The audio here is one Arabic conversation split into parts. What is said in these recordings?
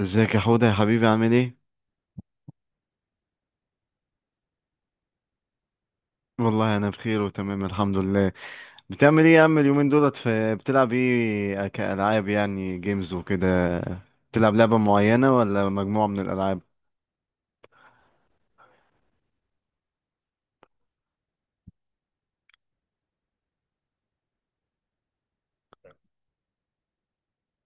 ازيك يا حوده يا حبيبي، عامل ايه؟ والله انا بخير وتمام، الحمد لله. بتعمل ايه يا عم؟ اليومين دولت في بتلعب ايه كالعاب، يعني جيمز وكده؟ بتلعب لعبه معينه ولا مجموعه من الالعاب؟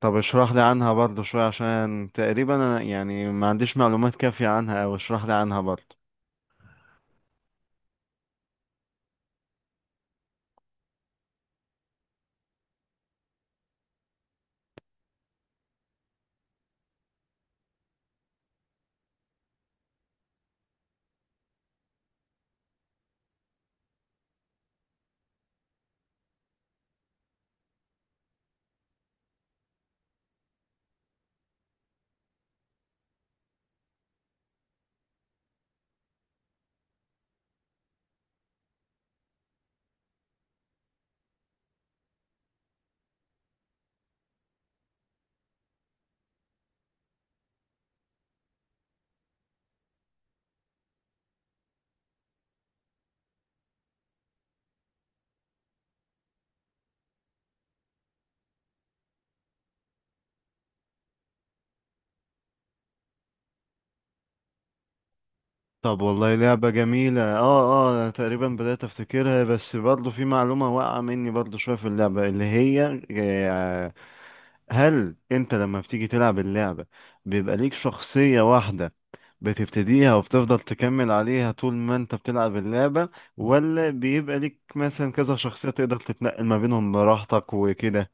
طب اشرح لي عنها برضه شويه، عشان تقريبا انا يعني ما عنديش معلومات كافيه عنها، او اشرح لي عنها برضه. طب والله لعبه جميله. اه، اه أنا تقريبا بدات افتكرها، بس برضه في معلومه واقعه مني برضه شويه في اللعبه اللي هي، هل انت لما بتيجي تلعب اللعبة بيبقى ليك شخصية واحدة بتبتديها وبتفضل تكمل عليها طول ما انت بتلعب اللعبة، ولا بيبقى ليك مثلا كذا شخصية تقدر تتنقل ما بينهم براحتك وكده؟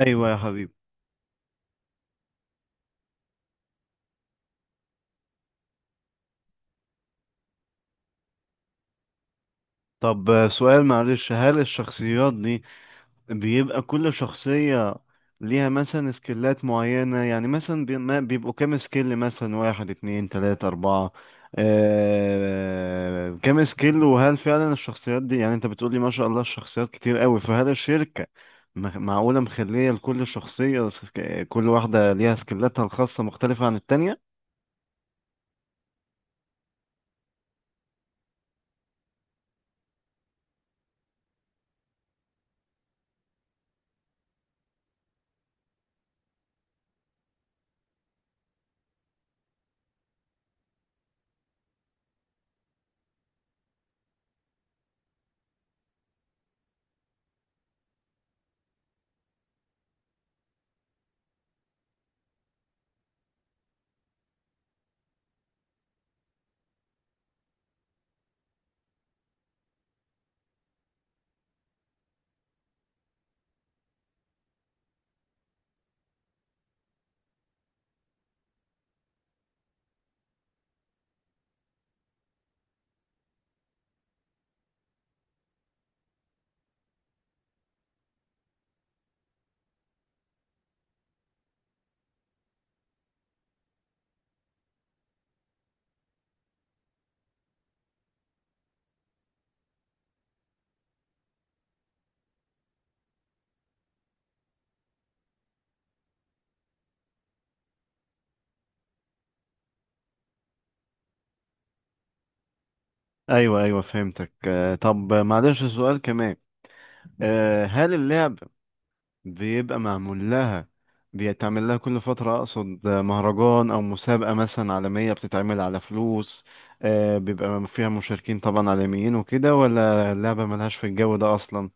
ايوه يا حبيبي. طب سؤال معلش، هل الشخصيات دي بيبقى كل شخصية ليها مثلا سكيلات معينة؟ يعني مثلا بيبقوا كام سكيل، مثلا واحد اتنين تلاتة أربعة، كام سكيل؟ وهل فعلا الشخصيات دي، يعني انت بتقولي ما شاء الله الشخصيات كتير قوي، فهل الشركة معقولة مخلية لكل شخصية، كل واحدة ليها سكيلاتها الخاصة مختلفة عن التانية؟ أيوه أيوه فهمتك. طب معلش سؤال كمان، هل اللعب بيبقى معمول لها، بيتعمل لها كل فترة، أقصد مهرجان أو مسابقة مثلا عالمية، بتتعمل على فلوس، بيبقى فيها مشاركين طبعا عالميين وكده، ولا اللعبة ملهاش في الجو ده أصلا؟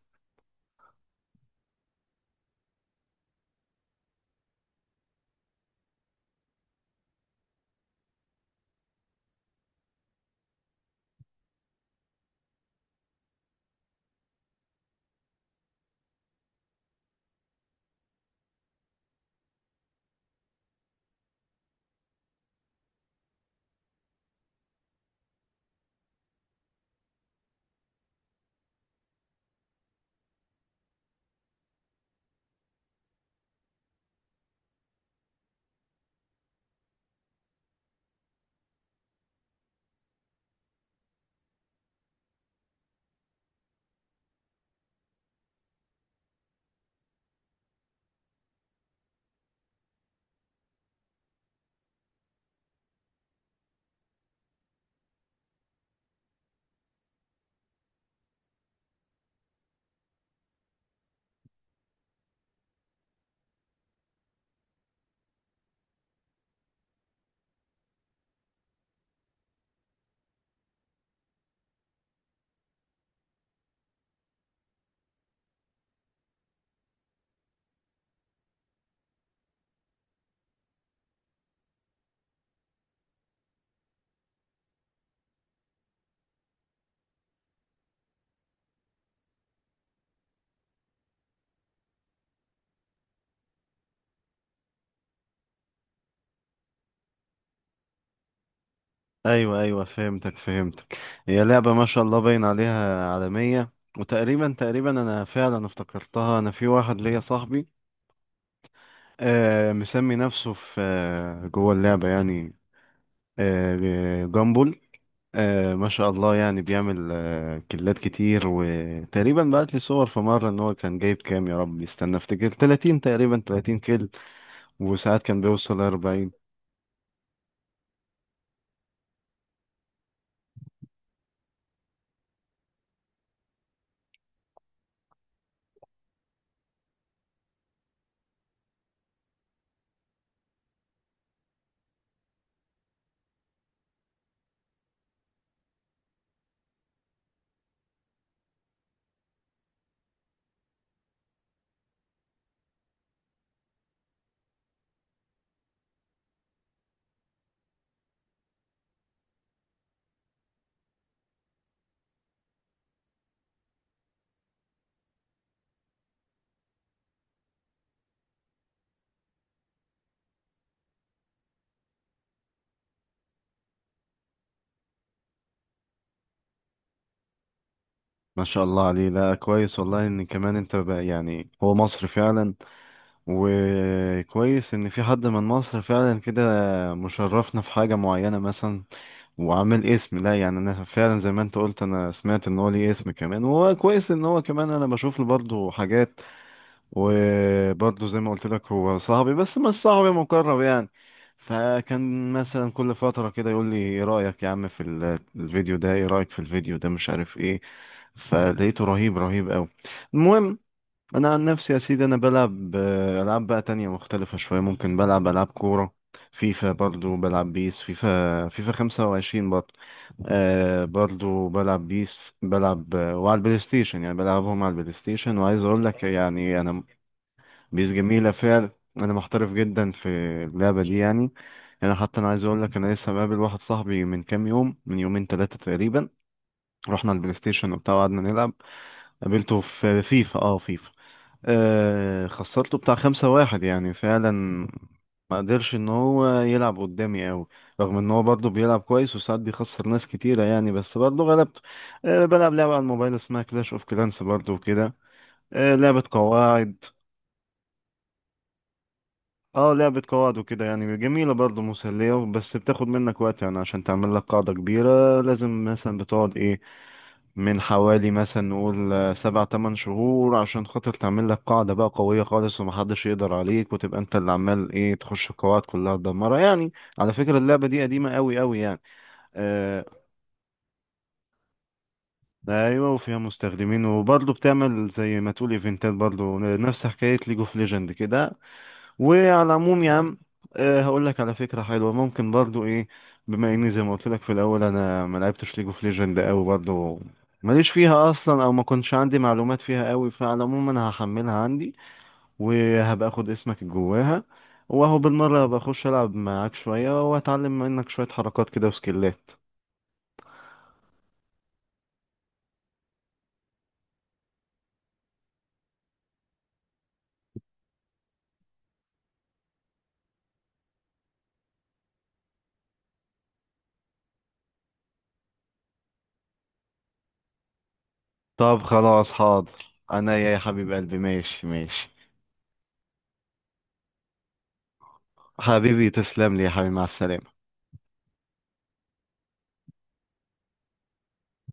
أيوة أيوة فهمتك فهمتك. هي لعبة ما شاء الله باين عليها عالمية، وتقريبا تقريبا أنا فعلا افتكرتها. أنا في واحد ليا صاحبي مسمي نفسه في جوه اللعبة يعني، جامبل. ما شاء الله، يعني بيعمل كيلات كتير، وتقريبا بعت لي صور في مرة ان هو كان جايب كام، يا رب استنى افتكر، 30 تقريبا، 30 كيل، وساعات كان بيوصل 40. ما شاء الله عليه، لا كويس والله، ان كمان انت بقى، يعني هو مصري فعلا، وكويس ان في حد من مصر فعلا كده مشرفنا في حاجة معينة مثلا. وعامل اسم، لا يعني انا فعلا زي ما انت قلت، انا سمعت ان هو ليه اسم كمان، وهو كويس ان هو كمان، انا بشوف له برضه حاجات. وبرضه زي ما قلت لك، هو صاحبي بس مش صاحبي مقرب يعني، فكان مثلا كل فترة كده يقول لي ايه رأيك يا عم في الفيديو ده، ايه رأيك في الفيديو ده، مش عارف ايه، فلقيته رهيب رهيب قوي. المهم، انا عن نفسي يا سيدي انا بلعب العاب بقى تانية مختلفة شوية، ممكن بلعب العاب كورة، فيفا برضو، بلعب بيس، فيفا 25 برضو. آه برضو بلعب بيس، بلعب وعلى البلاي ستيشن يعني، بلعبهم على البلاي ستيشن. وعايز اقول لك يعني انا، بيس جميلة فعلا. أنا محترف جدا في اللعبة دي يعني. أنا حتى أنا عايز أقول لك، أنا لسه مقابل واحد صاحبي من كام يوم، من يومين تلاتة تقريبا، رحنا البلاي ستيشن وبتاع وقعدنا نلعب. قابلته في فيفا، فيفا، خسرته بتاع 5-1 يعني، فعلا ما قدرش إن هو يلعب قدامي أوي، رغم إن هو برضه بيلعب كويس وساعات بيخسر ناس كتيرة يعني، بس برضه غلبته. آه بلعب لعبة على الموبايل اسمها كلاش أوف كلانس برضه وكده، لعبة قواعد. اه لعبة قواعد وكده، يعني جميلة برضه مسلية، بس بتاخد منك وقت يعني، عشان تعمل لك قاعدة كبيرة لازم مثلا بتقعد ايه، من حوالي مثلا نقول 7 8 شهور عشان خاطر تعمل لك قاعدة بقى قوية خالص ومحدش يقدر عليك، وتبقى انت اللي عمال ايه تخش القواعد كلها تدمرها يعني. على فكرة اللعبة دي قديمة قوي قوي يعني. آه، ايوه، وفيها مستخدمين، وبرضه بتعمل زي ما تقول ايفنتات برضه، نفس حكاية ليج اوف ليجند كده. وعلى العموم يا عم، أه هقول لك على فكرة، حلوة، ممكن برضو ايه، بما اني زي ما قلت لك في الاول، انا ما لعبتش ليج اوف ليجند قوي برضو، ماليش فيها اصلا، او ما كنتش عندي معلومات فيها قوي، فعلى العموم انا هحملها عندي، وهبقى اخد اسمك جواها، واهو بالمرة هبقى اخش العب معاك شوية، واتعلم منك شوية حركات كده وسكيلات. طب خلاص حاضر. انا يا حبيب قلبي، ماشي ماشي. حبيبي تسلم لي يا حبيبي، مع السلامة.